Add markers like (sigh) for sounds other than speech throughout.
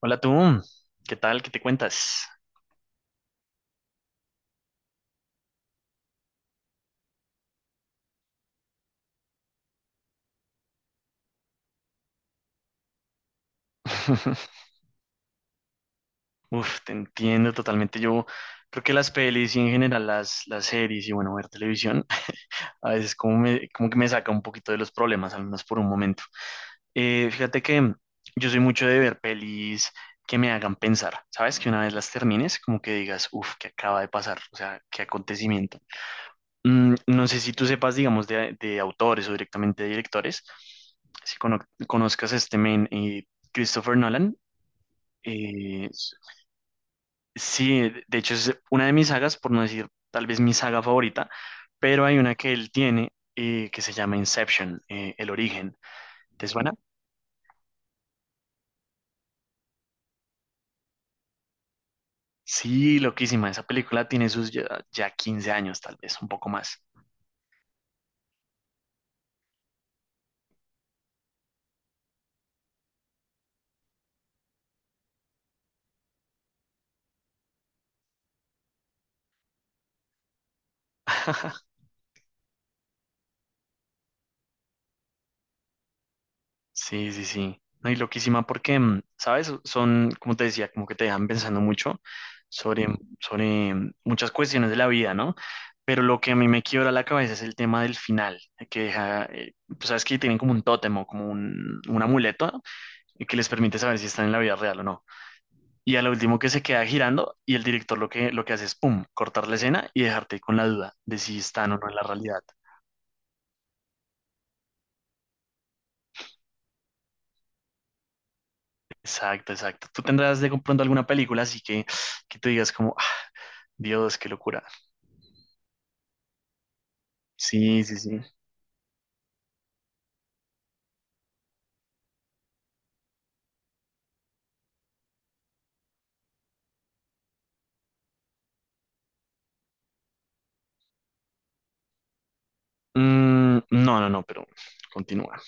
Hola tú, ¿qué tal? ¿Qué te cuentas? (laughs) Uf, te entiendo totalmente. Yo creo que las pelis y en general las series y bueno, ver televisión, (laughs) a veces como, como que me saca un poquito de los problemas, al menos por un momento. Fíjate que yo soy mucho de ver pelis que me hagan pensar, ¿sabes? Que una vez las termines, como que digas, uf, ¿qué acaba de pasar? O sea, ¿qué acontecimiento? No sé si tú sepas, digamos, de autores o directamente de directores, si cono- conozcas a este men, Christopher Nolan. Eh, sí, de hecho es una de mis sagas, por no decir tal vez mi saga favorita, pero hay una que él tiene que se llama Inception, El Origen. ¿Te suena? Sí, loquísima. Esa película tiene sus ya 15 años, tal vez, un poco más. (laughs) Sí, sí, sí. No, y loquísima porque, mm, ¿sabes? Son, como te decía, como que te dejan pensando mucho sobre, sobre muchas cuestiones de la vida, ¿no? Pero lo que a mí me quiebra la cabeza es el tema del final, que deja, pues, sabes que tienen como un tótem o como un amuleto que les permite saber si están en la vida real o no. Y a lo último que se queda girando y el director lo que hace es, pum, cortar la escena y dejarte con la duda de si están o no en la realidad. Exacto, exacto. Tú tendrás de pronto alguna película así que tú digas como, Dios, qué locura. Sí, sí, sí. Mm, no, no, no, pero continúa.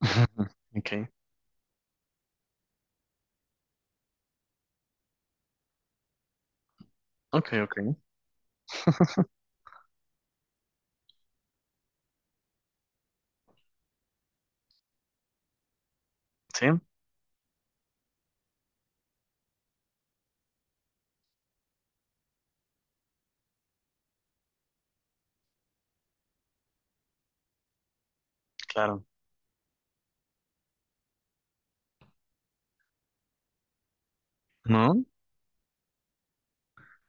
(laughs) Ok, ok, ok. (laughs) Sí, claro. ¿No?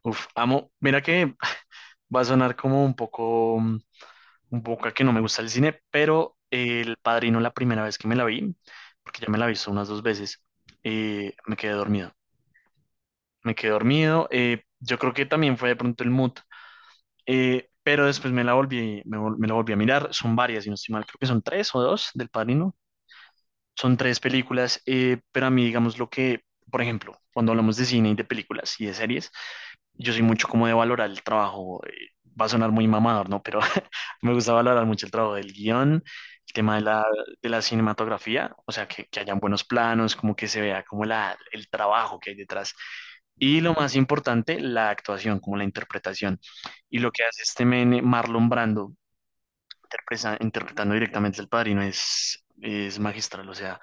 Uf, amo. Mira que va a sonar como un poco a que no me gusta el cine, pero El Padrino la primera vez que me la vi, porque ya me la he visto unas 2 veces, me quedé dormido. Me quedé dormido. Yo creo que también fue de pronto el mood, pero después me la volví a mirar. Son varias, si no estoy mal, creo que son tres o dos del Padrino. Son tres películas, pero a mí, digamos, lo que, por ejemplo, cuando hablamos de cine y de películas y de series, yo soy mucho como de valorar el trabajo. Va a sonar muy mamador, ¿no? Pero (laughs) me gusta valorar mucho el trabajo del guión, el tema de de la cinematografía, o sea, que hayan buenos planos, como que se vea como el trabajo que hay detrás. Y lo más importante, la actuación, como la interpretación. Y lo que hace este men, Marlon Brando, interpretando directamente al padrino, es magistral. O sea,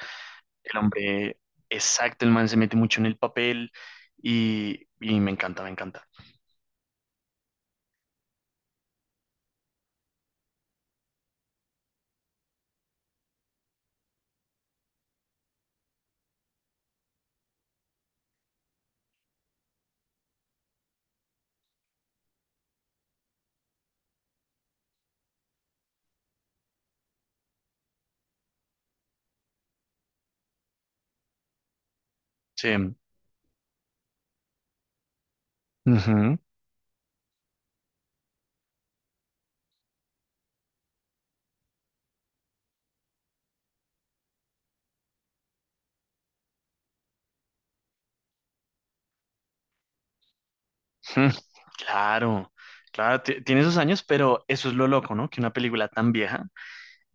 el hombre, exacto, el man se mete mucho en el papel y me encanta, me encanta. Sí. Ujú. (laughs) Mm, claro, claro, tiene esos años, pero eso es lo loco, ¿no? Que una película tan vieja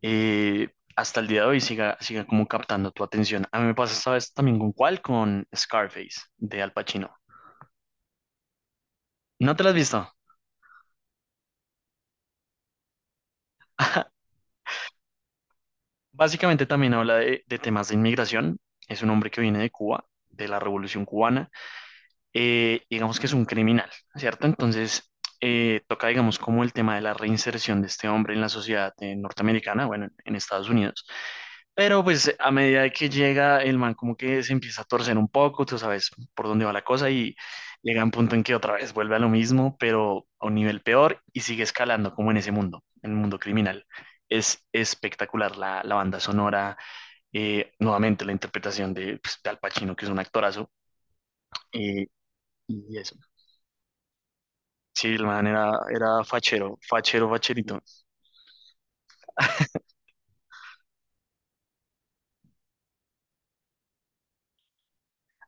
eh, hasta el día de hoy siga, siga como captando tu atención. A mí me pasa esta vez también con cuál, con Scarface de Al Pacino. ¿No te la has visto? Básicamente también habla de temas de inmigración. Es un hombre que viene de Cuba, de la Revolución Cubana digamos que es un criminal, ¿cierto? Entonces, toca, digamos, como el tema de la reinserción de este hombre en la sociedad norteamericana, bueno, en Estados Unidos. Pero pues a medida de que llega, el man como que se empieza a torcer un poco, tú sabes por dónde va la cosa y llega a un punto en que otra vez vuelve a lo mismo, pero a un nivel peor y sigue escalando como en ese mundo, en el mundo criminal. Es espectacular la banda sonora, nuevamente la interpretación de, pues, de Al Pacino, que es un actorazo, eh, y eso. Sí, el man era, era fachero, fachero, facherito.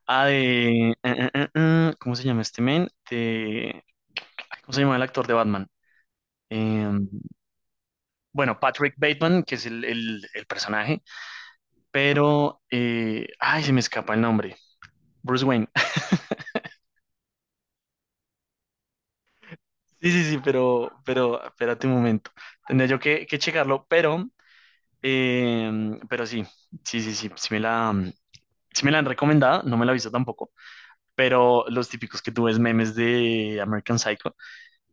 Ah, de... ¿cómo se llama este man? De, ay, ¿cómo se llama el actor de Batman? Eh, bueno, Patrick Bateman, que es el personaje, pero... ay, se me escapa el nombre. Bruce Wayne. (laughs) Sí, sí, sí, pero espérate un momento. Tendría yo que checarlo, pero sí, sí, sí, sí, sí me la han recomendado, no me la he visto tampoco, pero los típicos que tú ves memes de American Psycho,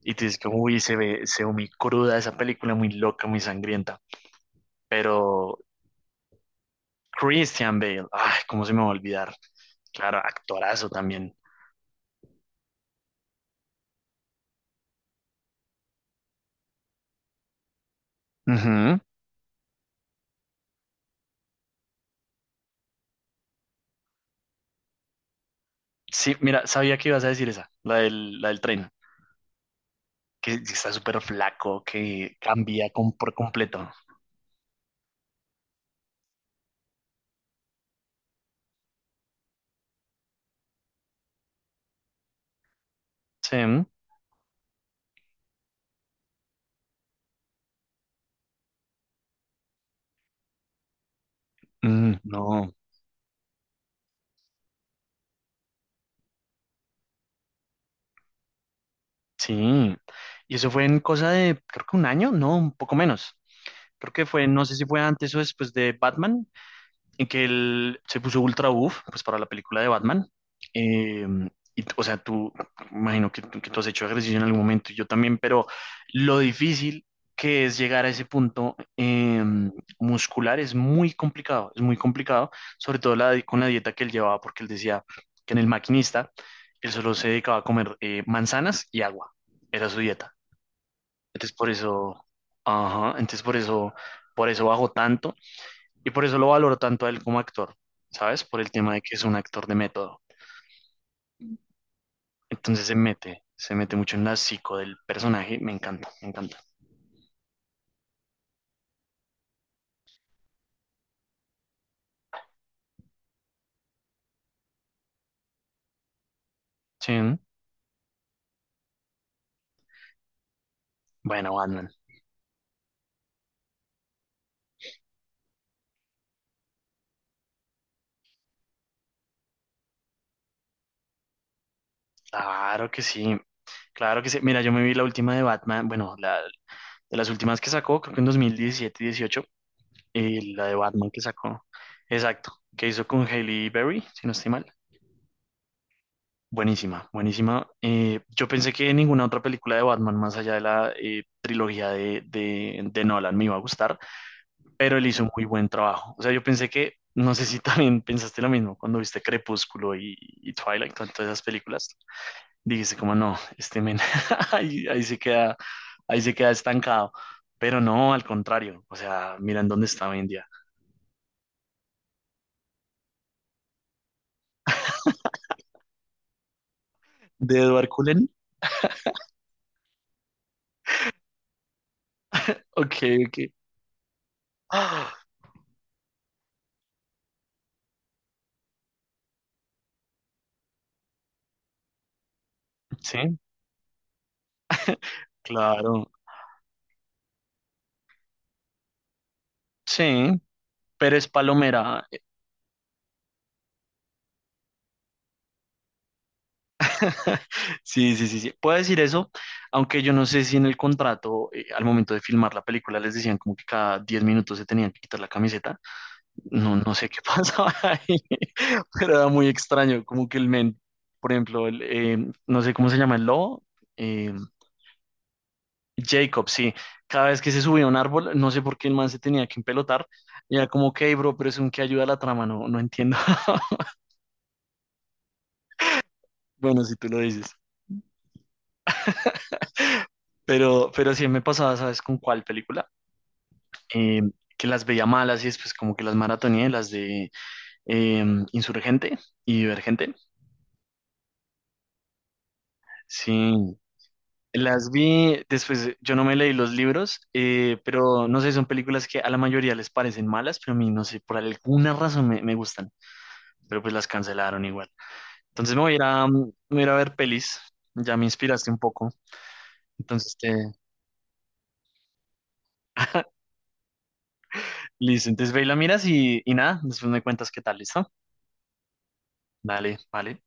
y tú dices que, uy, se ve muy cruda esa película, muy loca, muy sangrienta. Pero Christian Bale, ay, cómo se me va a olvidar. Claro, actorazo también. Ujú. Sí, mira, sabía que ibas a decir esa, la del tren, que está súper flaco, que cambia por completo. Sí. Mm, no, sí. Y eso fue en cosa de, creo que un año, no, un poco menos. Creo que fue, no sé si fue antes o después de Batman, en que él se puso ultra buff pues, para la película de Batman. Eh, y, o sea, tú, imagino que tú has hecho ejercicio en algún momento, y yo también, pero lo difícil que es llegar a ese punto muscular es muy complicado, sobre todo con la dieta que él llevaba, porque él decía que en el maquinista él solo se dedicaba a comer manzanas y agua, era su dieta. Entonces por eso, ajá, entonces por eso bajó tanto y por eso lo valoro tanto a él como actor, ¿sabes? Por el tema de que es un actor de método. Entonces se mete mucho en la psico del personaje. Me encanta, me encanta. Sí. ¿No? Bueno, Batman. Claro que sí, claro que sí. Mira, yo me vi la última de Batman, bueno, la, de las últimas que sacó, creo que en 2017 y 18, y la de Batman que sacó, exacto, que hizo con Hailey Berry, si no estoy mal. Buenísima, buenísima. Yo pensé que ninguna otra película de Batman, más allá de la trilogía de Nolan, me iba a gustar, pero él hizo un muy buen trabajo. O sea, yo pensé que, no sé si (laughs) también pensaste lo mismo cuando viste Crepúsculo y Twilight, con todas esas películas. Dijiste como, no, este men, (laughs) ahí, ahí se queda estancado. Pero no, al contrario. O sea, miren dónde está hoy en día. ¿De Edward Cullen? Ok, ok. (gasps) Ah, sí, claro. Sí, pero es palomera. (laughs) Sí, sí, sí, sí. Puedo decir eso, aunque yo no sé si en el contrato, al momento de filmar la película, les decían como que cada 10 minutos se tenían que quitar la camiseta. No, no sé qué (laughs) pasaba ahí, pero era muy extraño, como que el men, por ejemplo, no sé cómo se llama el lobo, eh, Jacob, sí. Cada vez que se subía a un árbol, no sé por qué el man se tenía que empelotar. Y era como, ok, bro, pero es un que ayuda a la trama, no, no entiendo. (laughs) Bueno, si tú lo dices. Pero sí me pasaba, ¿sabes con cuál película? eh, que las veía malas y después como que las maratoneé, las de eh, Insurgente y Divergente. Sí, las vi, después yo no me leí los libros, pero no sé, son películas que a la mayoría les parecen malas, pero a mí no sé, por alguna razón me gustan, pero pues las cancelaron igual. Entonces me voy a ir a ver pelis, ya me inspiraste un poco, entonces te... (laughs) Listo, entonces ve y la miras y nada, después me cuentas qué tal, ¿listo? Dale, vale.